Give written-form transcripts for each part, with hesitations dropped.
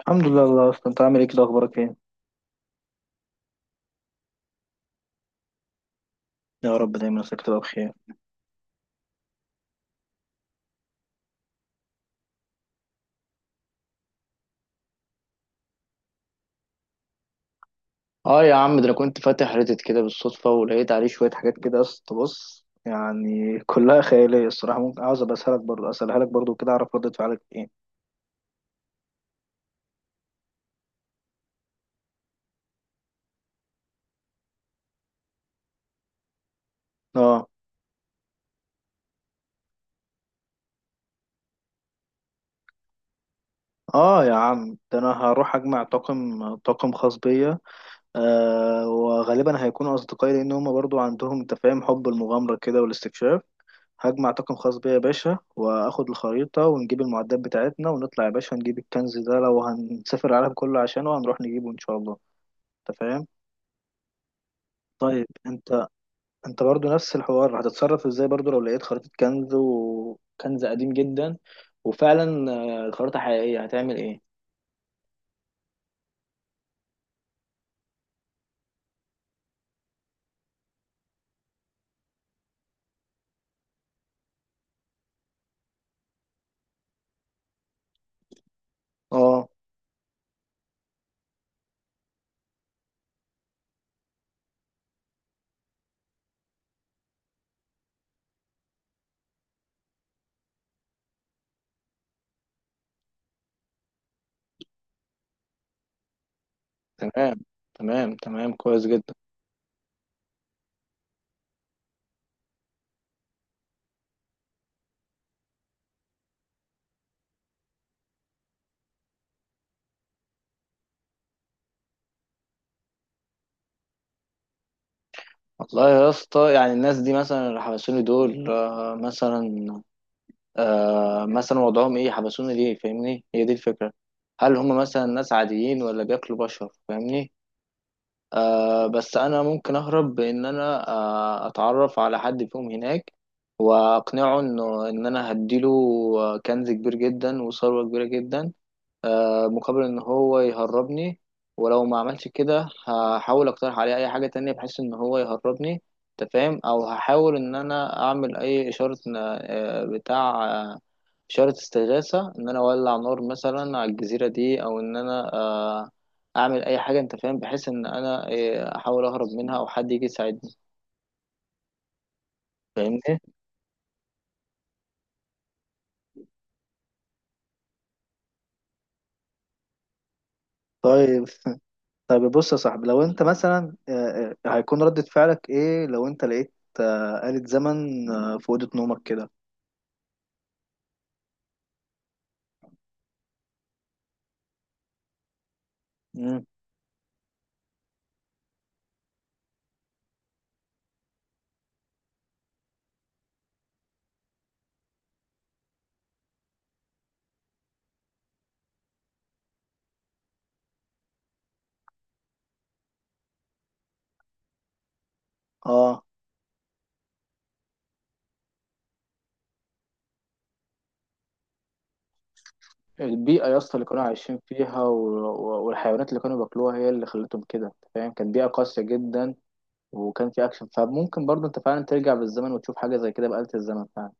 الحمد لله. الله اصلا انت عامل ايه كده؟ اخبارك ايه؟ يا رب دايما نفسك تبقى بخير. اه يا عم، ده انا كنت فاتح ريدت كده بالصدفة ولقيت عليه شوية حاجات كده است، بص يعني كلها خياليه الصراحه، ممكن عاوز ابقى اسالك برضه، اسالها لك برضه كده اعرف ردة فعلك ايه. اه. اه يا عم، ده انا هروح اجمع طاقم، خاص بيا، وغالبا هيكونوا اصدقائي لان هم برضه عندهم، انت فاهم، حب المغامره كده والاستكشاف. هجمع طاقم خاص بيا يا باشا، واخد الخريطة ونجيب المعدات بتاعتنا ونطلع يا باشا نجيب الكنز ده، لو هنسافر العالم كله عشانه هنروح نجيبه ان شاء الله. انت فاهم؟ طيب انت، انت برضو نفس الحوار هتتصرف ازاي برضو لو لقيت خريطة كنز، وكنز قديم جدا وفعلا الخريطة حقيقية، هتعمل ايه؟ اه. تمام. تمام تمام، كويس جدا. والله يا اسطى، يعني الناس دي مثلا اللي حبسوني دول، مثلا مثلا وضعهم ايه؟ حبسونا ليه؟ فاهمني؟ هي دي الفكرة. هل هم مثلا ناس عاديين، ولا بياكلوا بشر؟ فاهمني؟ بس انا ممكن اهرب بان انا اتعرف على حد فيهم هناك واقنعه انه ان انا هديله كنز كبير جدا وثروة كبيرة جدا، مقابل ان هو يهربني. ولو ما عملش كده هحاول اقترح عليه اي حاجة تانية بحيث ان هو يهربني، انت فاهم، او هحاول ان انا اعمل اي اشارة، آه، بتاع آه، اشارة استغاثة، ان انا اولع نار مثلا على الجزيرة دي، او ان انا اعمل اي حاجة، انت فاهم، بحيث ان انا احاول اهرب منها، او حد يجي يساعدني. فاهمني؟ طيب. طيب بص يا صاحبي، لو انت مثلا هيكون ردة فعلك ايه لو انت لقيت آلة زمن في أوضة نومك كده؟ مم. اه. البيئة يا اسطى اللي كانوا عايشين فيها والحيوانات اللي كانوا بياكلوها هي اللي خلتهم كده، انت فاهم، كانت بيئة قاسية جدا. وكان في أكشن، فممكن برضه أنت فعلا ترجع بالزمن وتشوف حاجة زي كده بآلة الزمن فعلا.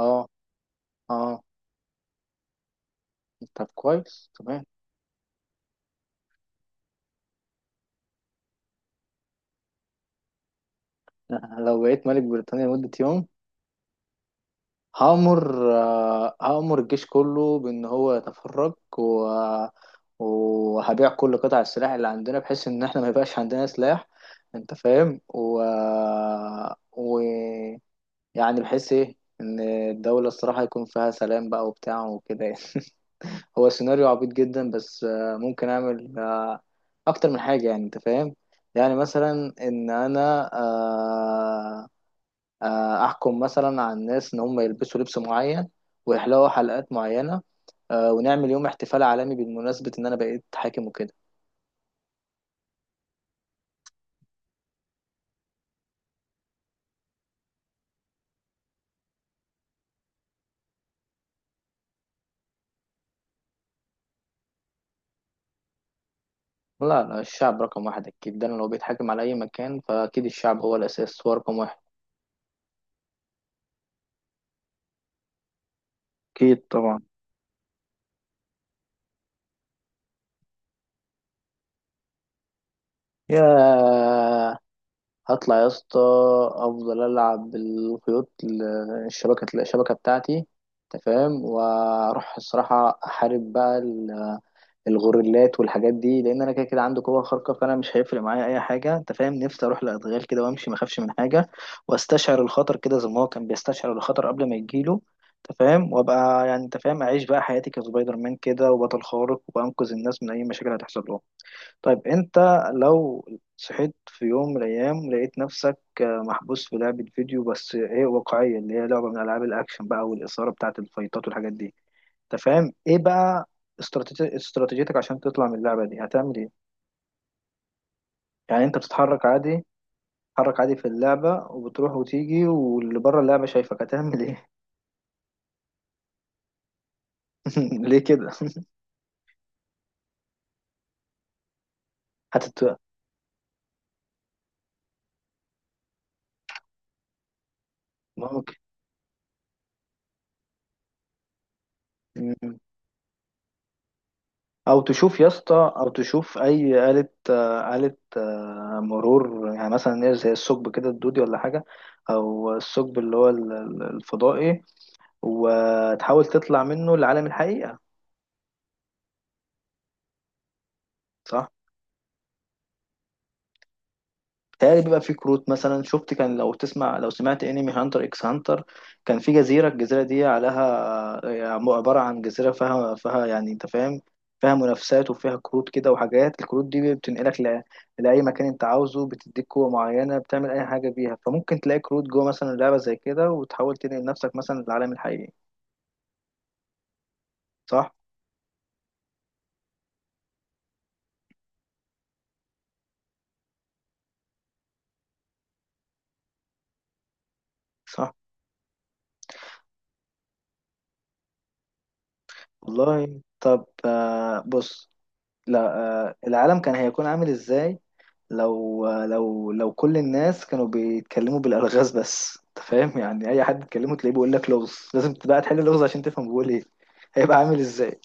اه. اه، طب كويس، تمام. أنا لو بقيت ملك بريطانيا لمدة يوم هأمر، هأمر الجيش كله بإن هو يتفرج، وهبيع كل قطع السلاح اللي عندنا بحيث ان احنا ما يبقاش عندنا سلاح، انت فاهم، و... يعني بحيث ايه، ان الدولة الصراحة يكون فيها سلام بقى وبتاع وكده يعني. هو سيناريو عبيط جدا، بس ممكن اعمل اكتر من حاجة يعني، انت فاهم، يعني مثلا ان انا احكم مثلا على الناس ان هم يلبسوا لبس معين، ويحلقوا حلقات معينة، ونعمل يوم احتفال عالمي بالمناسبة ان انا بقيت حاكم وكده. لا لا، الشعب رقم واحد أكيد، ده أنا لو بيتحاكم على أي مكان فأكيد الشعب هو الأساس، هو رقم واحد. اكيد طبعا. يا، هطلع يا اسطى. أفضل ألعب بالخيوط الشبكة، بتاعتي، أنت فاهم، وأروح الصراحة أحارب بقى الغوريلات والحاجات دي، لان انا كده كده عندي قوه خارقه، فانا مش هيفرق معايا اي حاجه، انت فاهم، نفسي اروح لادغال كده وامشي ما اخافش من حاجه، واستشعر الخطر كده زي ما هو كان بيستشعر الخطر قبل ما يجيله، انت فاهم، وابقى يعني، انت فاهم، اعيش بقى حياتي كسبايدر مان كده، وبطل خارق وانقذ الناس من اي مشاكل هتحصل لهم. طيب انت لو صحيت في يوم من الايام لقيت نفسك محبوس في لعبه فيديو بس ايه؟ واقعيه، اللي هي لعبه من العاب الاكشن بقى، والاثاره بتاعه الفايتات والحاجات دي، انت فاهم، ايه بقى استراتيجيتك عشان تطلع من اللعبه دي؟ هتعمل ايه؟ يعني انت بتتحرك عادي، بتتحرك عادي في اللعبه وبتروح وتيجي، واللي بره اللعبه شايفك، هتعمل ايه؟ ليه كده؟ هتت ممكن. مم. او تشوف يا اسطى، او تشوف اي آلة آلة مرور يعني، مثلا ايه، زي الثقب كده الدودي ولا حاجه، او الثقب اللي هو الفضائي، وتحاول تطلع منه لعالم الحقيقه. صح. تهيألي بيبقى في كروت مثلا، شفت كان، لو تسمع، لو سمعت انمي هانتر اكس هانتر، كان في جزيرة، الجزيرة دي عليها عبارة عن جزيرة فيها، فيها يعني انت فاهم، فيها منافسات وفيها كروت كده وحاجات، الكروت دي بتنقلك لأي مكان انت عاوزه، بتديك قوة معينة بتعمل أي حاجة بيها، فممكن تلاقي كروت جوه مثلا لعبة زي كده وتحاول تنقل نفسك مثلا للعالم الحقيقي. صح. صح. والله طب، بص. لا. العالم كان هيكون عامل ازاي لو كل الناس كانوا بيتكلموا بالالغاز بس؟ انت فاهم يعني، اي حد تكلمه تلاقيه بيقول لك لغز لازم تبقى تحل اللغز عشان تفهم بيقول ايه. هيبقى عامل ازاي؟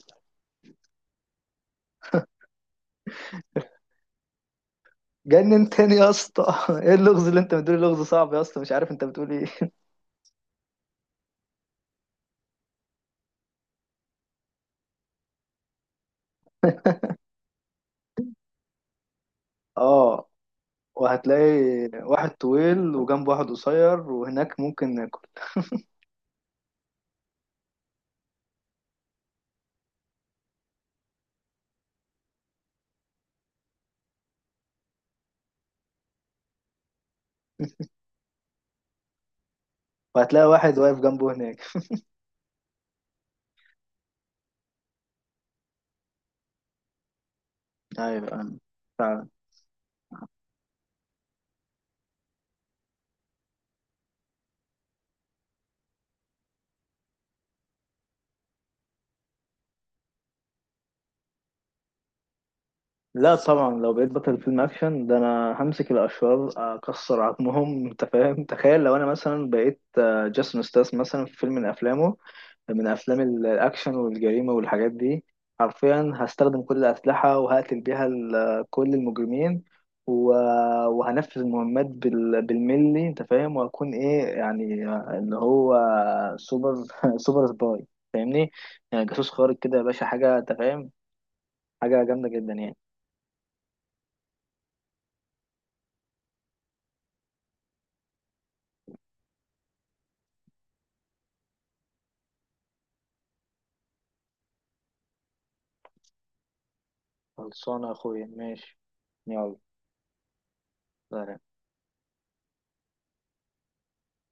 جنن تاني يا اسطى. ايه اللغز اللي انت بتقول؟ لغز صعب يا اسطى، مش عارف انت بتقول ايه. اه. وهتلاقي واحد طويل وجنبه واحد قصير، وهناك ممكن ناكل. وهتلاقي واحد واقف جنبه هناك. ايوه، فعلا. لا طبعا، لو بقيت بطل فيلم اكشن، ده انا همسك الاشرار اكسر عظمهم. انت فاهم، تخيل لو انا مثلا بقيت جاسون ستاس مثلا في فيلم من افلامه، من افلام الاكشن والجريمه والحاجات دي، حرفيا هستخدم كل الاسلحه وهقتل بيها كل المجرمين، و- وهنفذ المهمات بالملي، انت فاهم، وهكون ايه يعني، اللي هو سوبر، سوبر سباي، فاهمني؟ يعني جاسوس خارق كده يا باشا، حاجه انت فاهم، حاجه جامده جدا يعني. خلصانة يا أخويا، ماشي. يلا. سلام.